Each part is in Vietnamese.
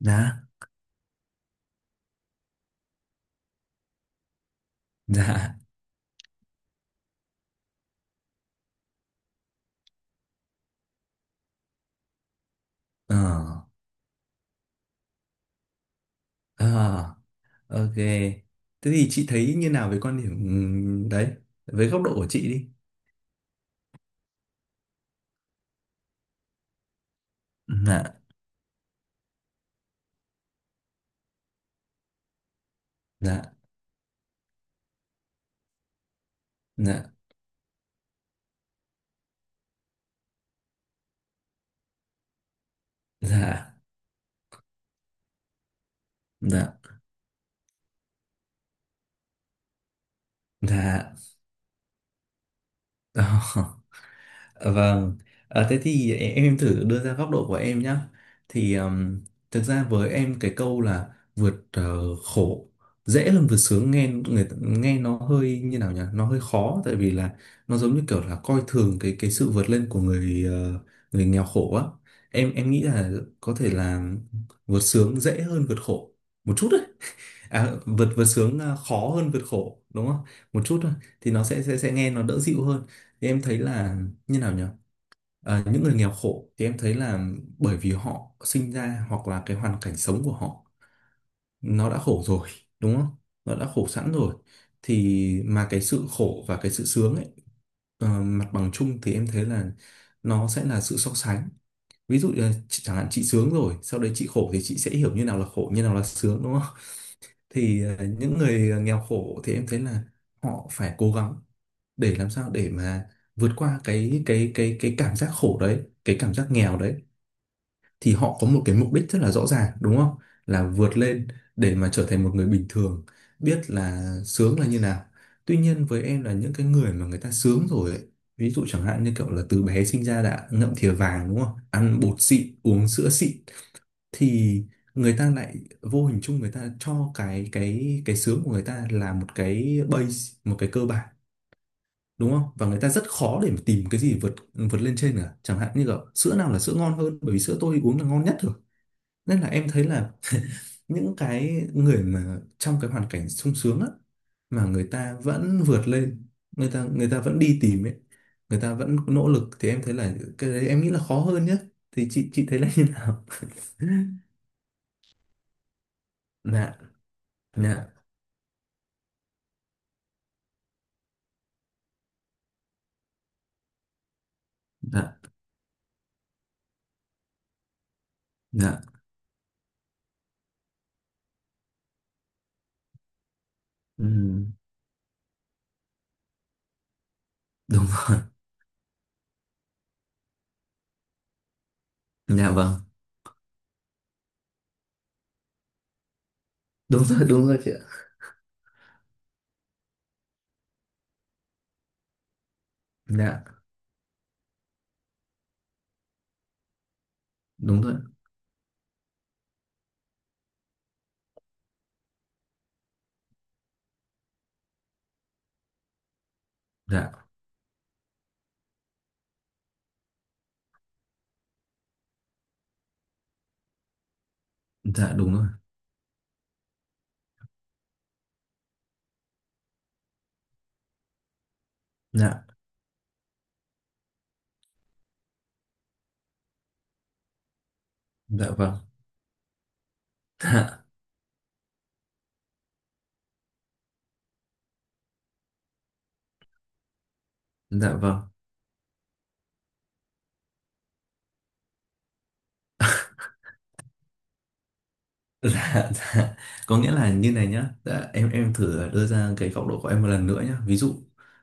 Dạ. Dạ. ờ ờ ok. Thế thì chị thấy như nào về quan điểm đấy, với góc độ của chị đi. Dạ. Dạ. Dạ. Dạ. Dạ. Dạ. Ờ. Vâng, thế thì em thử đưa ra góc độ của em nhé. Thì thực ra với em cái câu là vượt khổ dễ hơn vượt sướng nghe người nghe nó hơi như nào nhỉ? Nó hơi khó tại vì là nó giống như kiểu là coi thường cái sự vượt lên của người nghèo khổ á. Em nghĩ là có thể là vượt sướng dễ hơn vượt khổ một chút đấy. À, vượt vượt sướng khó hơn vượt khổ đúng không? Một chút thôi thì nó sẽ nghe nó đỡ dịu hơn. Thì em thấy là như nào nhỉ? Những người nghèo khổ thì em thấy là bởi vì họ sinh ra hoặc là cái hoàn cảnh sống của họ nó đã khổ rồi đúng không? Nó đã khổ sẵn rồi thì mà cái sự khổ và cái sự sướng ấy, mặt bằng chung thì em thấy là nó sẽ là sự so sánh, ví dụ như là chẳng hạn chị sướng rồi sau đấy chị khổ thì chị sẽ hiểu như nào là khổ như nào là sướng đúng không? Thì những người nghèo khổ thì em thấy là họ phải cố gắng để làm sao để mà vượt qua cái cảm giác khổ đấy, cái cảm giác nghèo đấy, thì họ có một cái mục đích rất là rõ ràng đúng không, là vượt lên để mà trở thành một người bình thường, biết là sướng là như nào. Tuy nhiên với em là những cái người mà người ta sướng rồi ấy, ví dụ chẳng hạn như kiểu là từ bé sinh ra đã ngậm thìa vàng đúng không, ăn bột xịn uống sữa xịn, thì người ta lại vô hình chung người ta cho cái sướng của người ta là một cái base, một cái cơ bản đúng không, và người ta rất khó để mà tìm cái gì vượt vượt lên trên cả, chẳng hạn như kiểu sữa nào là sữa ngon hơn bởi vì sữa tôi uống là ngon nhất rồi, nên là em thấy là những cái người mà trong cái hoàn cảnh sung sướng á, mà người ta vẫn vượt lên, người ta vẫn đi tìm ấy, người ta vẫn nỗ lực, thì em thấy là cái đấy em nghĩ là khó hơn nhá. Thì chị thấy là như nào? Dạ. Dạ. Dạ. Dạ. Ừm, Đúng rồi. Dạ vâng. Đúng rồi, đúng rồi chị ạ. Dạ. Đúng rồi. Dạ. Dạ. Đúng rồi. Dạ. Dạ vâng. Dạ. Dạ vâng. Dạ, dạ. Có nghĩa là như này nhá, dạ, em thử đưa ra cái góc độ của em một lần nữa nhá. Ví dụ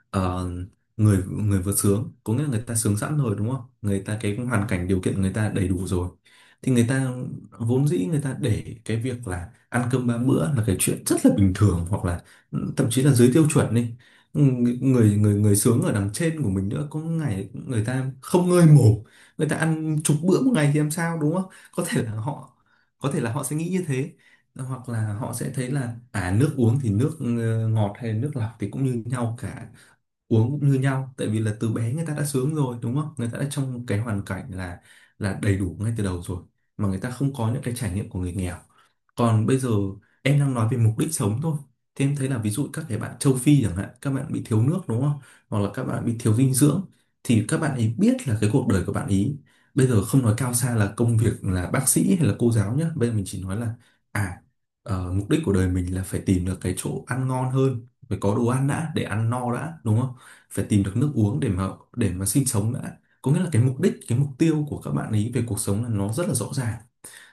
ờ, người người vượt sướng, có nghĩa là người ta sướng sẵn rồi đúng không? Người ta cái hoàn cảnh điều kiện người ta đầy đủ rồi, thì người ta vốn dĩ người ta để cái việc là ăn cơm ba bữa là cái chuyện rất là bình thường, hoặc là thậm chí là dưới tiêu chuẩn đi. Ừ, Người người người sướng ở đằng trên của mình nữa, có ngày người ta không ngơi mồm, người ta ăn chục bữa một ngày thì làm sao đúng không? Có thể là họ có thể là họ sẽ nghĩ như thế, hoặc là họ sẽ thấy là nước uống thì nước ngọt hay nước lọc thì cũng như nhau cả, uống cũng như nhau, tại vì là từ bé người ta đã sướng rồi đúng không, người ta đã trong cái hoàn cảnh là đầy đủ ngay từ đầu rồi, mà người ta không có những cái trải nghiệm của người nghèo. Còn bây giờ em đang nói về mục đích sống thôi. Thế em thấy là ví dụ các cái bạn châu Phi chẳng hạn, các bạn bị thiếu nước đúng không? Hoặc là các bạn bị thiếu dinh dưỡng, thì các bạn ấy biết là cái cuộc đời của bạn ấy bây giờ không nói cao xa là công việc là bác sĩ hay là cô giáo nhá, bây giờ mình chỉ nói là à mục đích của đời mình là phải tìm được cái chỗ ăn ngon hơn, phải có đồ ăn đã để ăn no đã đúng không? Phải tìm được nước uống để mà sinh sống đã. Có nghĩa là cái mục đích, cái mục tiêu của các bạn ấy về cuộc sống là nó rất là rõ ràng,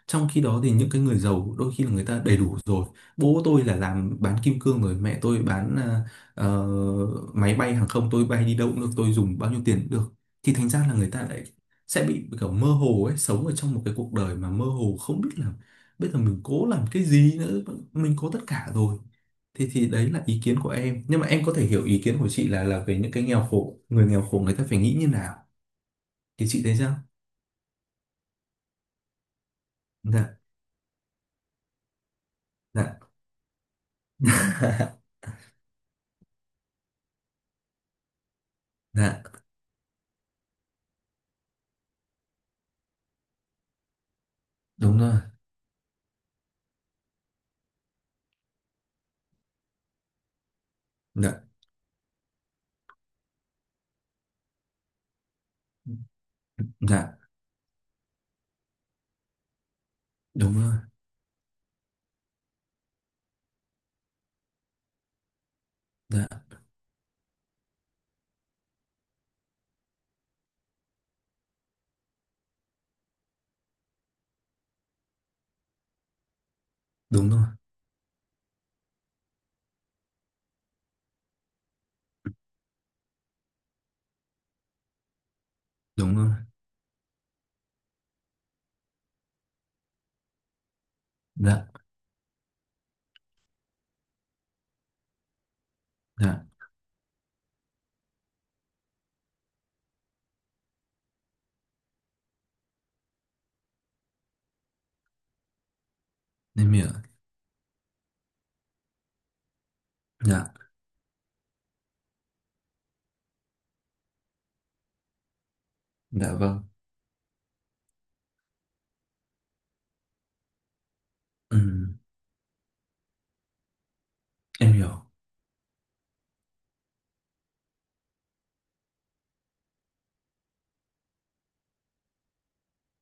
trong khi đó thì những cái người giàu đôi khi là người ta đầy đủ rồi. Bố tôi là làm bán kim cương rồi, mẹ tôi bán ờ, máy bay hàng không, tôi bay đi đâu cũng được, tôi dùng bao nhiêu tiền cũng được. Thì thành ra là người ta lại sẽ bị kiểu mơ hồ ấy, sống ở trong một cái cuộc đời mà mơ hồ không biết là bây giờ mình cố làm cái gì nữa, mình có tất cả rồi. Thì đấy là ý kiến của em. Nhưng mà em có thể hiểu ý kiến của chị là về những cái nghèo khổ người ta phải nghĩ như nào. Thì chị thấy sao? Dạ, dạ. Dạ, đúng rồi. Dạ. Dạ, đúng rồi. Dạ, đúng rồi. Đúng rồi. Dạ, dạ, em hiểu. Dạ, dạ vâng. Ừ, em hiểu.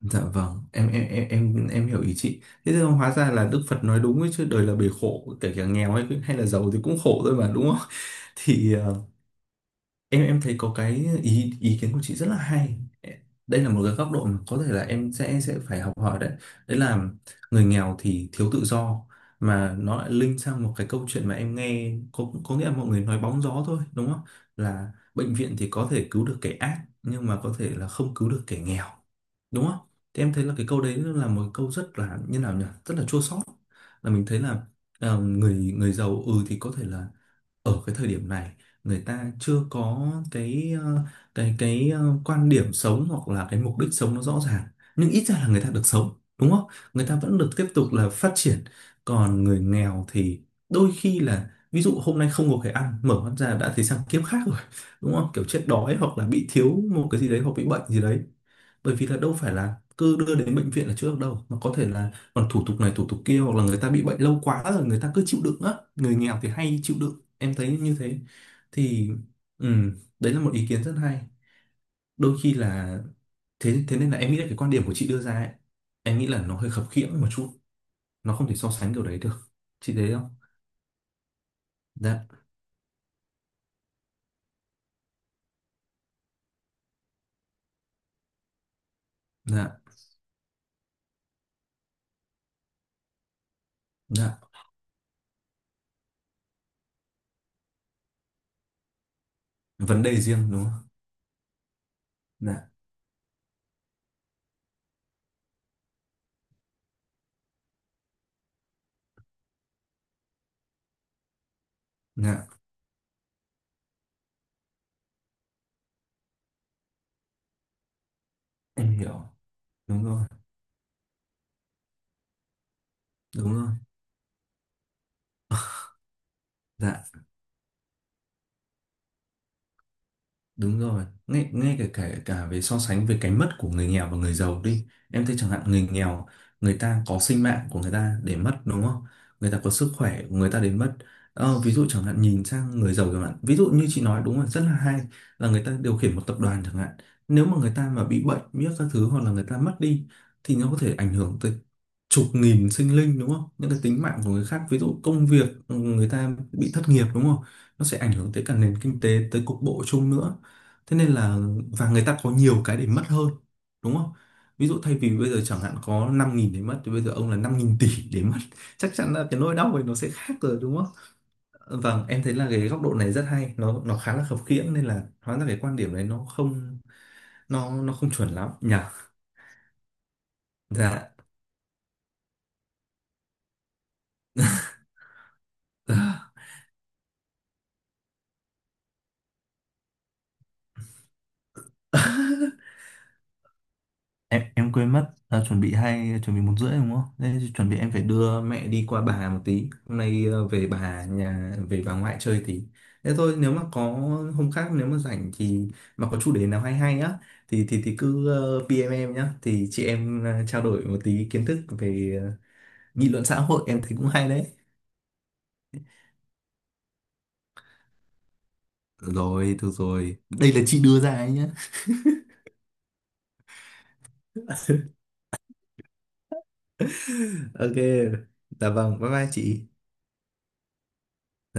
Dạ vâng, em hiểu ý chị. Thế thì hóa ra là Đức Phật nói đúng ấy chứ, đời là bể khổ, kể cả nghèo hay hay là giàu thì cũng khổ thôi mà đúng không? Thì em thấy có cái ý ý kiến của chị rất là hay. Đây là một cái góc độ mà có thể là em sẽ phải học hỏi đấy. Đấy là người nghèo thì thiếu tự do, mà nó lại link sang một cái câu chuyện mà em nghe, có nghĩa là mọi người nói bóng gió thôi đúng không, là bệnh viện thì có thể cứu được kẻ ác nhưng mà có thể là không cứu được kẻ nghèo đúng không. Thì em thấy là cái câu đấy là một câu rất là như nào nhỉ, rất là chua xót, là mình thấy là người người giàu thì có thể là ở cái thời điểm này người ta chưa có cái quan điểm sống hoặc là cái mục đích sống nó rõ ràng, nhưng ít ra là người ta được sống đúng không, người ta vẫn được tiếp tục là phát triển. Còn người nghèo thì đôi khi là ví dụ hôm nay không có cái ăn mở mắt ra đã thấy sang kiếp khác rồi đúng không, kiểu chết đói hoặc là bị thiếu một cái gì đấy hoặc bị bệnh gì đấy, bởi vì là đâu phải là cứ đưa đến bệnh viện là chữa được đâu, mà có thể là còn thủ tục này thủ tục kia, hoặc là người ta bị bệnh lâu quá rồi người ta cứ chịu đựng á, người nghèo thì hay chịu đựng em thấy như thế. Thì ừm, đấy là một ý kiến rất hay. Đôi khi là thế, thế nên là em nghĩ là cái quan điểm của chị đưa ra ấy em nghĩ là nó hơi khập khiễng một chút, nó không thể so sánh điều đấy được. Chị thấy không? Dạ. Dạ. Dạ. Vấn đề riêng đúng không? Dạ. Dạ, em hiểu. Đúng rồi, đúng rồi. Dạ. Đúng rồi, ngay cả, cả về so sánh về cái mất của người nghèo và người giàu đi. Em thấy chẳng hạn người nghèo, người ta có sinh mạng của người ta để mất đúng không? Người ta có sức khỏe của người ta để mất. Ví dụ chẳng hạn nhìn sang người giàu chẳng hạn. Ví dụ như chị nói đúng rồi, rất là hay, là người ta điều khiển một tập đoàn chẳng hạn. Nếu mà người ta mà bị bệnh, biết các thứ hoặc là người ta mất đi thì nó có thể ảnh hưởng tới chục nghìn sinh linh đúng không? Những cái tính mạng của người khác, ví dụ công việc người ta bị thất nghiệp đúng không? Nó sẽ ảnh hưởng tới cả nền kinh tế, tới cục bộ chung nữa. Thế nên là, và người ta có nhiều cái để mất hơn đúng không? Ví dụ thay vì bây giờ chẳng hạn có 5.000 để mất thì bây giờ ông là 5.000 tỷ để mất chắc chắn là cái nỗi đau ấy nó sẽ khác rồi đúng không? Vâng, em thấy là cái góc độ này rất hay, nó khá là khập khiễng, nên là hóa ra cái quan điểm này nó không, nó không chuẩn lắm nhỉ. Dạ. Em quên mất chuẩn bị hai, chuẩn bị 1:30 đúng không? Thế thì chuẩn bị em phải đưa mẹ đi qua bà một tí. Hôm nay về bà nhà, về bà ngoại chơi tí. Thế thôi nếu mà có hôm khác nếu mà rảnh thì, mà có chủ đề nào hay hay á, thì thì cứ PM em nhá. Thì chị em trao đổi một tí kiến thức về nghị luận xã hội, em thấy cũng hay đấy. Được rồi, được rồi. Đây là chị đưa ra ấy nhá. Ok. Dạ vâng, bye bye chị.